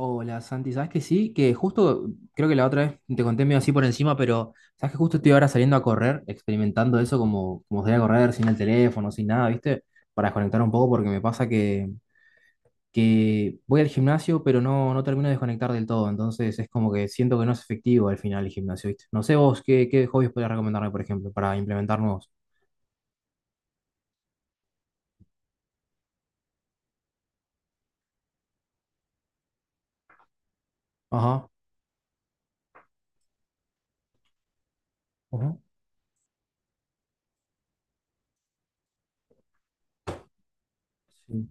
Hola Santi, ¿sabes que sí? Que justo, creo que la otra vez te conté medio así por encima, pero ¿sabes que justo estoy ahora saliendo a correr, experimentando eso como salir a correr sin el teléfono, sin nada, ¿viste? Para desconectar un poco porque me pasa que, voy al gimnasio, pero no, no termino de desconectar del todo, entonces es como que siento que no es efectivo al final el gimnasio, ¿viste? No sé vos, ¿qué hobbies podrías recomendarme, por ejemplo, para implementar nuevos? Ajá, ajá, sí,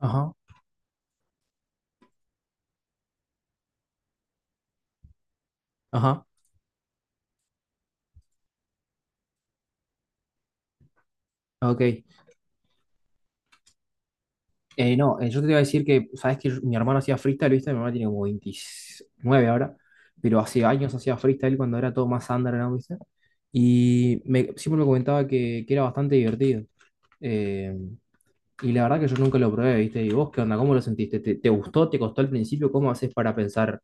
ajá, ajá, ok. No, yo te iba a decir que, sabes que mi hermano hacía freestyle, ¿viste? Mi hermano tiene como 29 ahora, pero hace años hacía freestyle cuando era todo más underground, ¿viste? Y siempre me comentaba que era bastante divertido. Eh, y la verdad que yo nunca lo probé, ¿viste? ¿Y vos qué onda? ¿Cómo lo sentiste? ¿Te gustó? ¿Te costó al principio? ¿Cómo haces para pensar?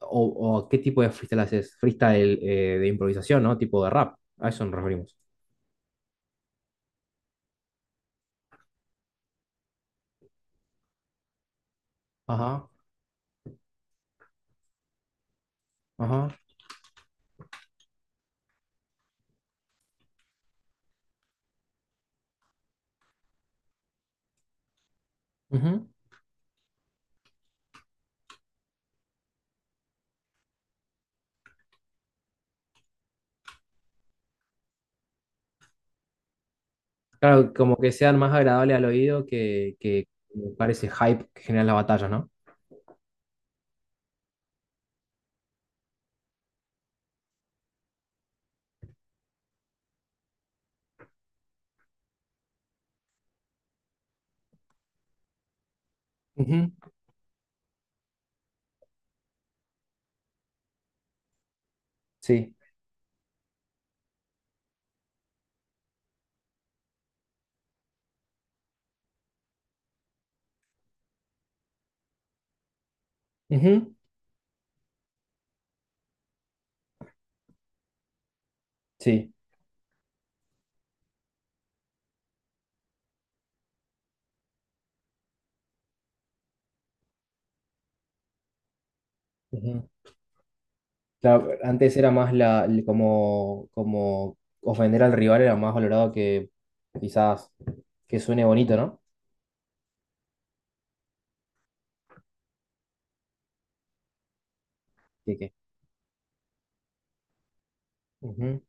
¿O, o qué tipo de freestyle haces? Freestyle de improvisación, ¿no? Tipo de rap. A eso nos referimos. Ajá, ajá. Ujú. Claro, como que sean más agradables al oído que parece hype que generan las batallas, ¿no? Ujú. Sí. Ujú. Sí. Ujú. Claro, antes era más la, como ofender al rival era más valorado que quizás que suene bonito, ¿no? Que- que- Ujú.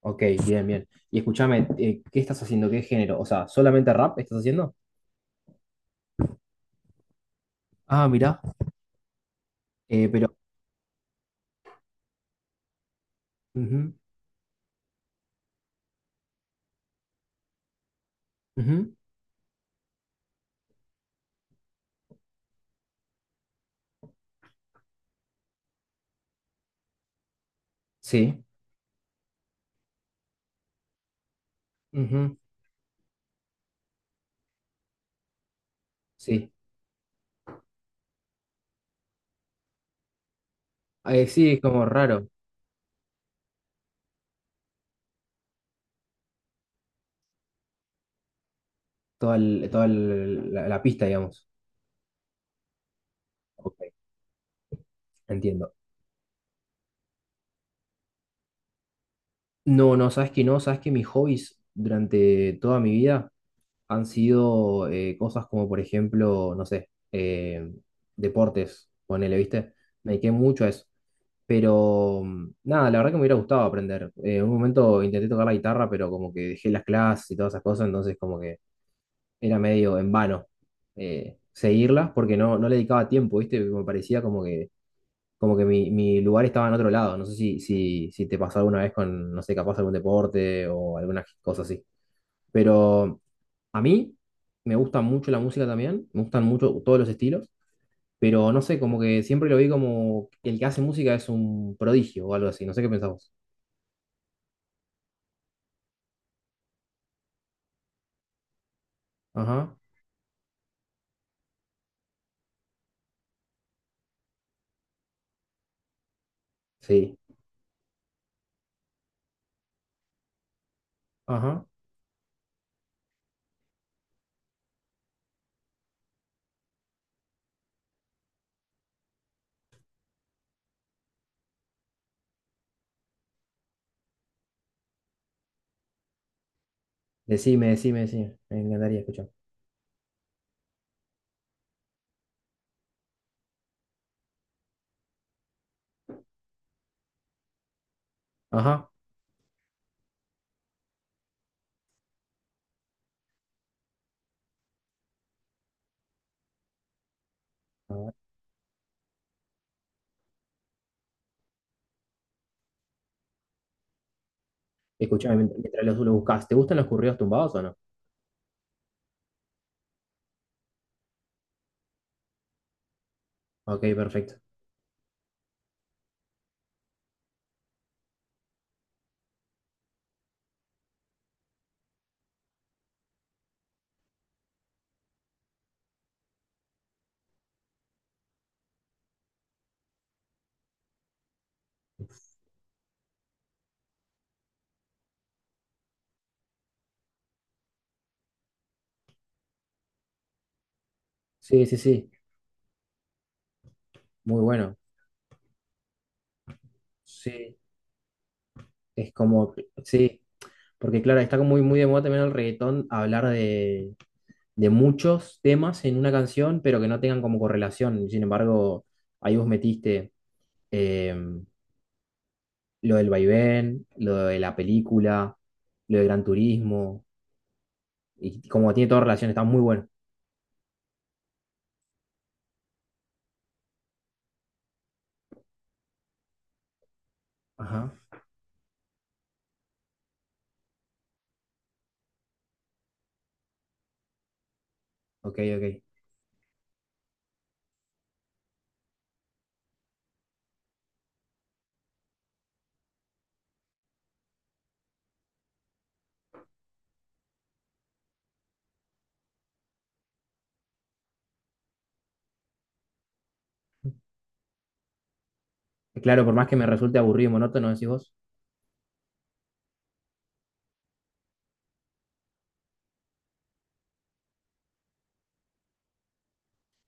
Ok, bien, bien. Y escúchame, ¿qué estás haciendo? ¿Qué género? O sea, ¿solamente rap estás haciendo? Ah, mirá. Pero. Ujú, ujú, sí. Ujú, sí. Sí, es como raro. La pista, digamos. Ok, entiendo. No, no, sabes que no, sabes que mis hobbies durante toda mi vida han sido cosas como, por ejemplo, no sé, deportes, ponele, ¿viste? Me dediqué mucho a eso. Pero nada, la verdad que me hubiera gustado aprender. En un momento intenté tocar la guitarra, pero como que dejé las clases y todas esas cosas, entonces como que era medio en vano seguirlas porque no, no le dedicaba tiempo, ¿viste? Me parecía como que mi lugar estaba en otro lado. No sé si te pasó alguna vez con, no sé, capaz algún deporte o alguna cosa así. Pero a mí me gusta mucho la música también, me gustan mucho todos los estilos, pero no sé, como que siempre lo vi como que el que hace música es un prodigio o algo así. No sé qué pensás vos. Ajá, sí, ajá. Decime, decime, decime. Me encantaría escuchar. Ajá. A ver. Escuchame mientras lo buscas. ¿Te gustan los corridos tumbados o no? Ok, perfecto. Sí, sí, sí. Muy bueno. Sí. Es como, sí, porque claro, está como muy, muy de moda también el reggaetón hablar de muchos temas en una canción, pero que no tengan como correlación. Sin embargo, ahí vos metiste eh, lo del vaivén, lo de la película, lo de Gran Turismo, y como tiene toda relación, está muy bueno. Ajá, ok, ok. Claro, por más que me resulte aburrido y monótono, decís vos.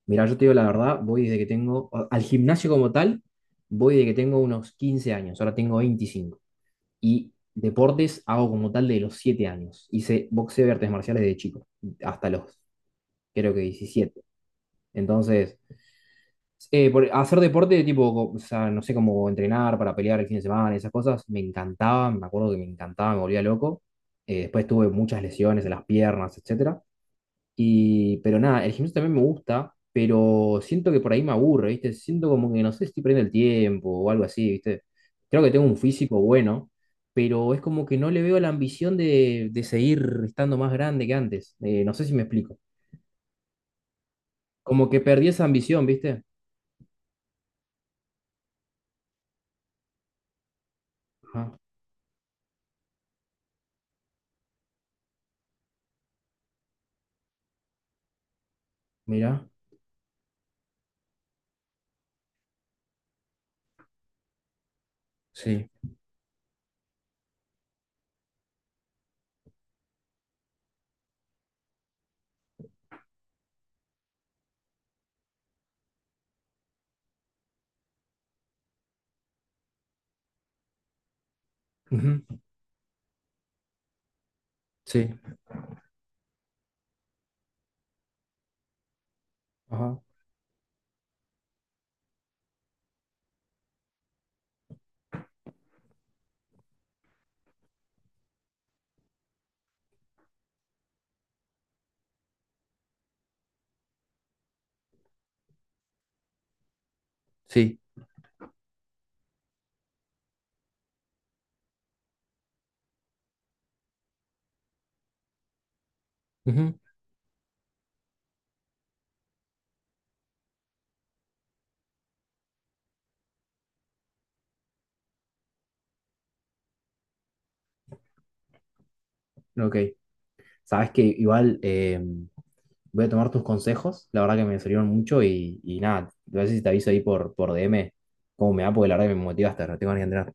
Mirá, yo te digo la verdad, voy desde que tengo, al gimnasio como tal, voy desde que tengo unos 15 años, ahora tengo 25. Y deportes hago como tal de los 7 años. Hice boxeo y artes marciales de chico, hasta los, creo que 17. Entonces, por hacer deporte, de tipo, o sea, no sé cómo entrenar para pelear el fin de semana, esas cosas, me encantaba, me acuerdo que me encantaba, me volvía loco. Después tuve muchas lesiones en las piernas, etcétera. Pero nada, el gimnasio también me gusta, pero siento que por ahí me aburre, ¿viste? Siento como que, no sé, estoy perdiendo el tiempo o algo así, ¿viste? Creo que tengo un físico bueno, pero es como que no le veo la ambición de seguir estando más grande que antes. No sé si me explico. Como que perdí esa ambición, ¿viste? Ajá, mirá. Sí. Ujú, sí. Ajá. Sí. Ujú, ok. Sabes que igual, voy a tomar tus consejos, la verdad que me sirvieron mucho y nada, a ver si te aviso ahí por, DM cómo me va, porque la verdad que me motivaste, no tengo ni que entrenar.